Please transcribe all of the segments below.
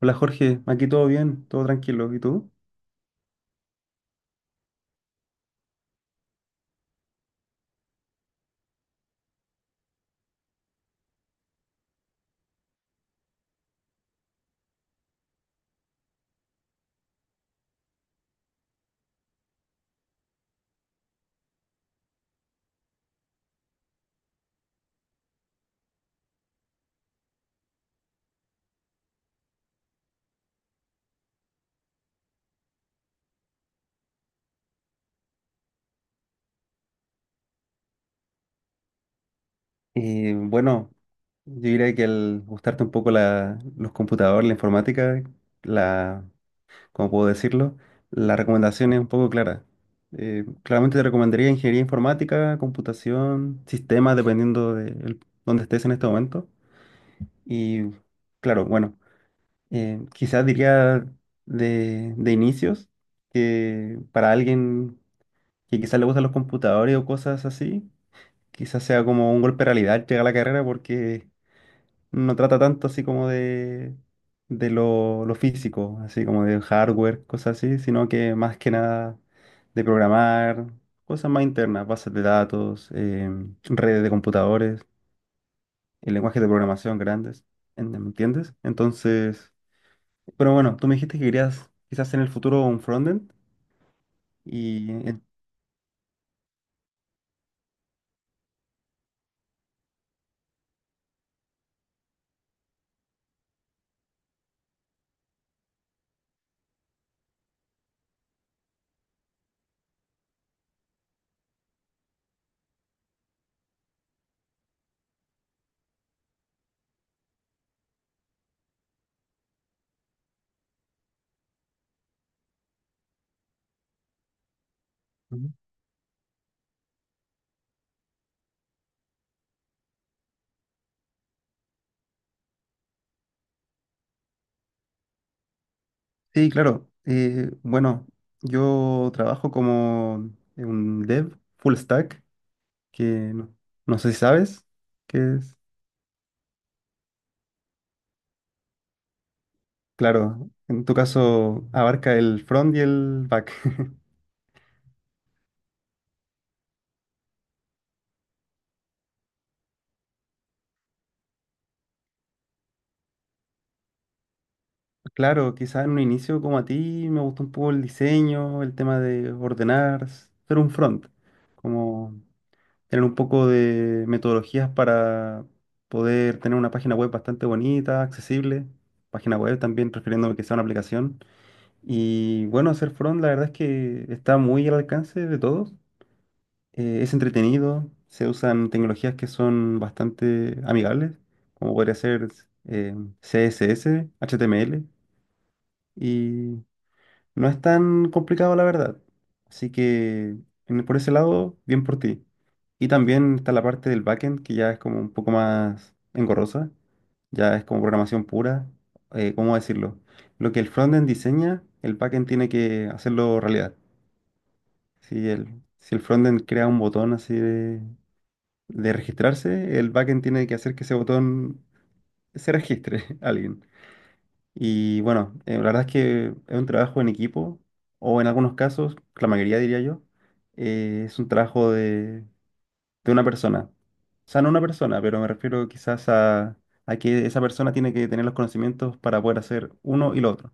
Hola Jorge, aquí todo bien, todo tranquilo. ¿Y tú? Y bueno, yo diría que al gustarte un poco los computadores, la informática, la, ¿cómo puedo decirlo? La recomendación es un poco clara. Claramente te recomendaría ingeniería informática, computación, sistemas, dependiendo de dónde estés en este momento. Y claro, bueno, quizás diría de inicios que para alguien que quizás le gustan los computadores o cosas así, quizás sea como un golpe de realidad al llegar a la carrera porque no trata tanto así como de lo físico, así como de hardware, cosas así, sino que más que nada de programar, cosas más internas, bases de datos, redes de computadores, y lenguajes de programación grandes, ¿me entiendes? Entonces, pero bueno, tú me dijiste que querías quizás en el futuro un frontend y... en- Sí, claro. Bueno, yo trabajo como un dev full stack, que no, no sé si sabes qué es. Claro, en tu caso abarca el front y el back. Claro, quizás en un inicio como a ti me gustó un poco el diseño, el tema de ordenar, ser un front, como tener un poco de metodologías para poder tener una página web bastante bonita, accesible, página web también, refiriéndome que sea una aplicación. Y bueno, hacer front la verdad es que está muy al alcance de todos. Es entretenido, se usan tecnologías que son bastante amigables, como podría ser eh, CSS, HTML, y no es tan complicado la verdad. Así que por ese lado, bien por ti. Y también está la parte del backend, que ya es como un poco más engorrosa, ya es como programación pura. ¿Cómo decirlo? Lo que el frontend diseña, el backend tiene que hacerlo realidad. Si el, si el frontend crea un botón así de registrarse, el backend tiene que hacer que ese botón se registre a alguien. Y bueno, la verdad es que es un trabajo en equipo, o en algunos casos, la mayoría diría yo, es un trabajo de una persona. O sea, no una persona, pero me refiero quizás a que esa persona tiene que tener los conocimientos para poder hacer uno y lo otro.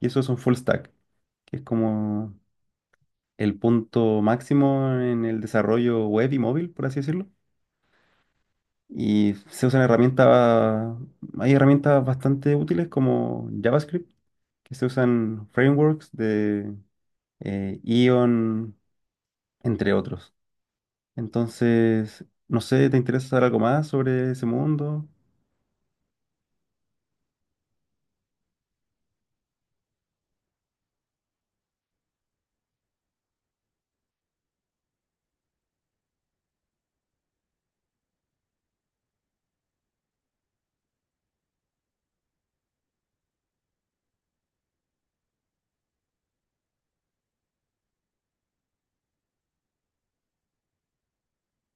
Y eso es un full stack, que es como el punto máximo en el desarrollo web y móvil, por así decirlo. Y se usan herramientas, hay herramientas bastante útiles como JavaScript, que se usan frameworks de Ion, entre otros. Entonces, no sé, ¿te interesa saber algo más sobre ese mundo?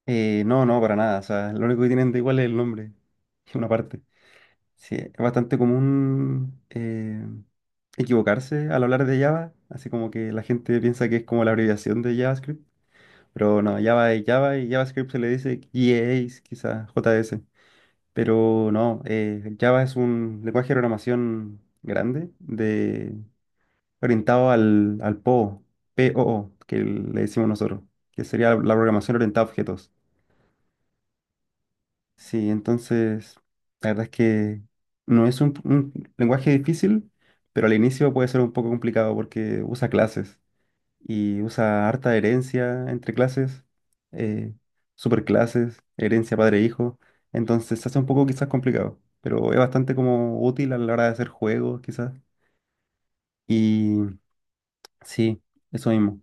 No, para nada. O sea, lo único que tienen de igual es el nombre, una parte. Sí, es bastante común equivocarse al hablar de Java, así como que la gente piensa que es como la abreviación de JavaScript, pero no, Java es Java y JavaScript se le dice J A S, quizás J S, pero no. Java es un lenguaje de programación grande de, orientado al PO, POO, que le decimos nosotros, que sería la programación orientada a objetos. Sí, entonces, la verdad es que no es un lenguaje difícil, pero al inicio puede ser un poco complicado porque usa clases y usa harta herencia entre clases, eh, superclases, herencia padre-hijo. Entonces se hace un poco quizás complicado, pero es bastante como útil a la hora de hacer juegos quizás. Y sí, eso mismo.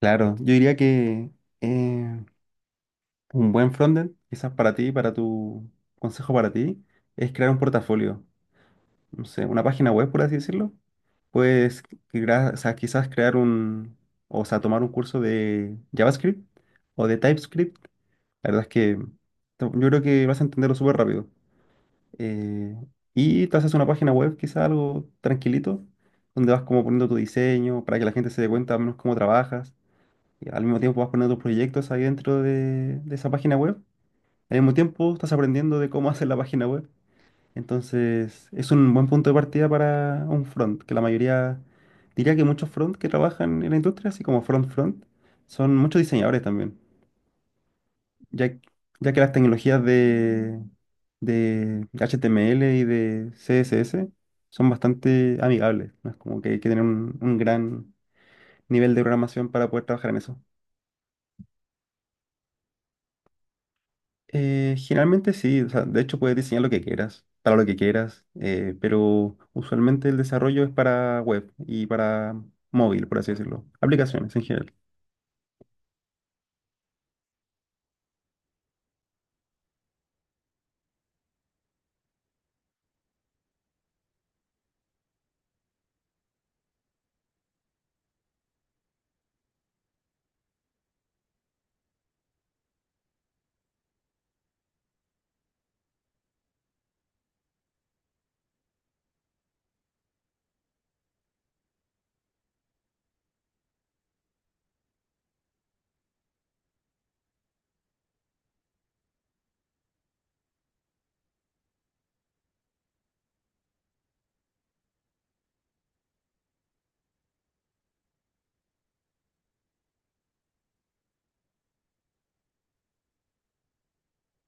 Claro, yo diría que eh, un buen frontend, quizás para ti, para tu consejo para ti, es crear un portafolio, no sé, una página web, por así decirlo. Puedes o sea, quizás o sea, tomar un curso de JavaScript o de TypeScript. La verdad es que yo creo que vas a entenderlo súper rápido. Eh, y te haces una página web, quizás algo tranquilito, donde vas como poniendo tu diseño para que la gente se dé cuenta al menos cómo trabajas. Y al mismo tiempo vas poniendo tus proyectos ahí dentro de esa página web. Al mismo tiempo estás aprendiendo de cómo hacer la página web. Entonces, es un buen punto de partida para un front, que la mayoría, diría que muchos front que trabajan en la industria, así como front front, son muchos diseñadores también, ya, ya que las tecnologías de HTML y de CSS son bastante amigables, ¿no? Es como que hay que tener un gran nivel de programación para poder trabajar en eso. Generalmente sí, o sea, de hecho puedes diseñar lo que quieras, para lo que quieras, pero usualmente el desarrollo es para web y para móvil, por así decirlo, aplicaciones en general.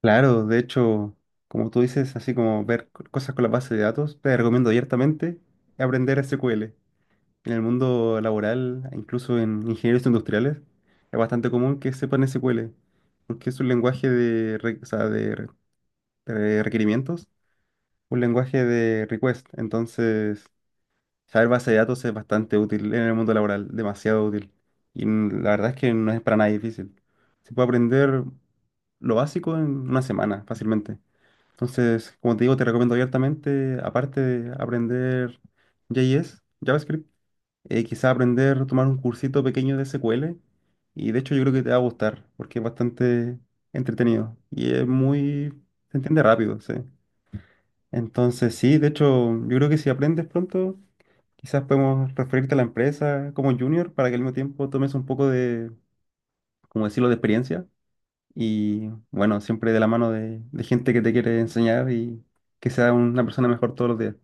Claro, de hecho, como tú dices, así como ver cosas con la base de datos, te recomiendo abiertamente aprender SQL. En el mundo laboral, incluso en ingenieros industriales, es bastante común que sepan SQL, porque es un lenguaje o sea, de requerimientos, un lenguaje de request. Entonces, saber base de datos es bastante útil en el mundo laboral, demasiado útil. Y la verdad es que no es para nada difícil. Se puede aprender lo básico en una semana, fácilmente. Entonces, como te digo, te recomiendo abiertamente, aparte de aprender JS, JavaScript, quizá aprender, tomar un cursito pequeño de SQL. Y de hecho yo creo que te va a gustar, porque es bastante entretenido. Y es muy, se entiende rápido, sí. Entonces, sí, de hecho, yo creo que si aprendes pronto... Quizás podemos referirte a la empresa como junior para que al mismo tiempo tomes un poco de, como decirlo, de experiencia y bueno, siempre de la mano de gente que te quiere enseñar y que sea una persona mejor todos los días.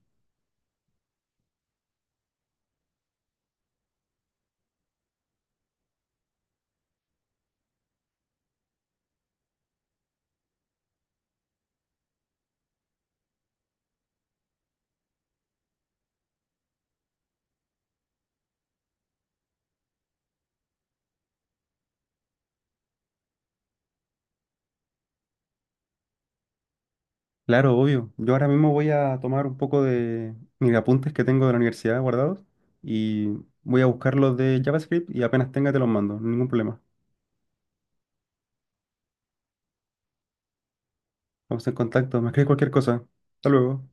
Claro, obvio. Yo ahora mismo voy a tomar un poco de mis apuntes que tengo de la universidad guardados y voy a buscar los de JavaScript y apenas tenga te los mando, ningún problema. Vamos en contacto, me escribes cualquier cosa. Hasta luego.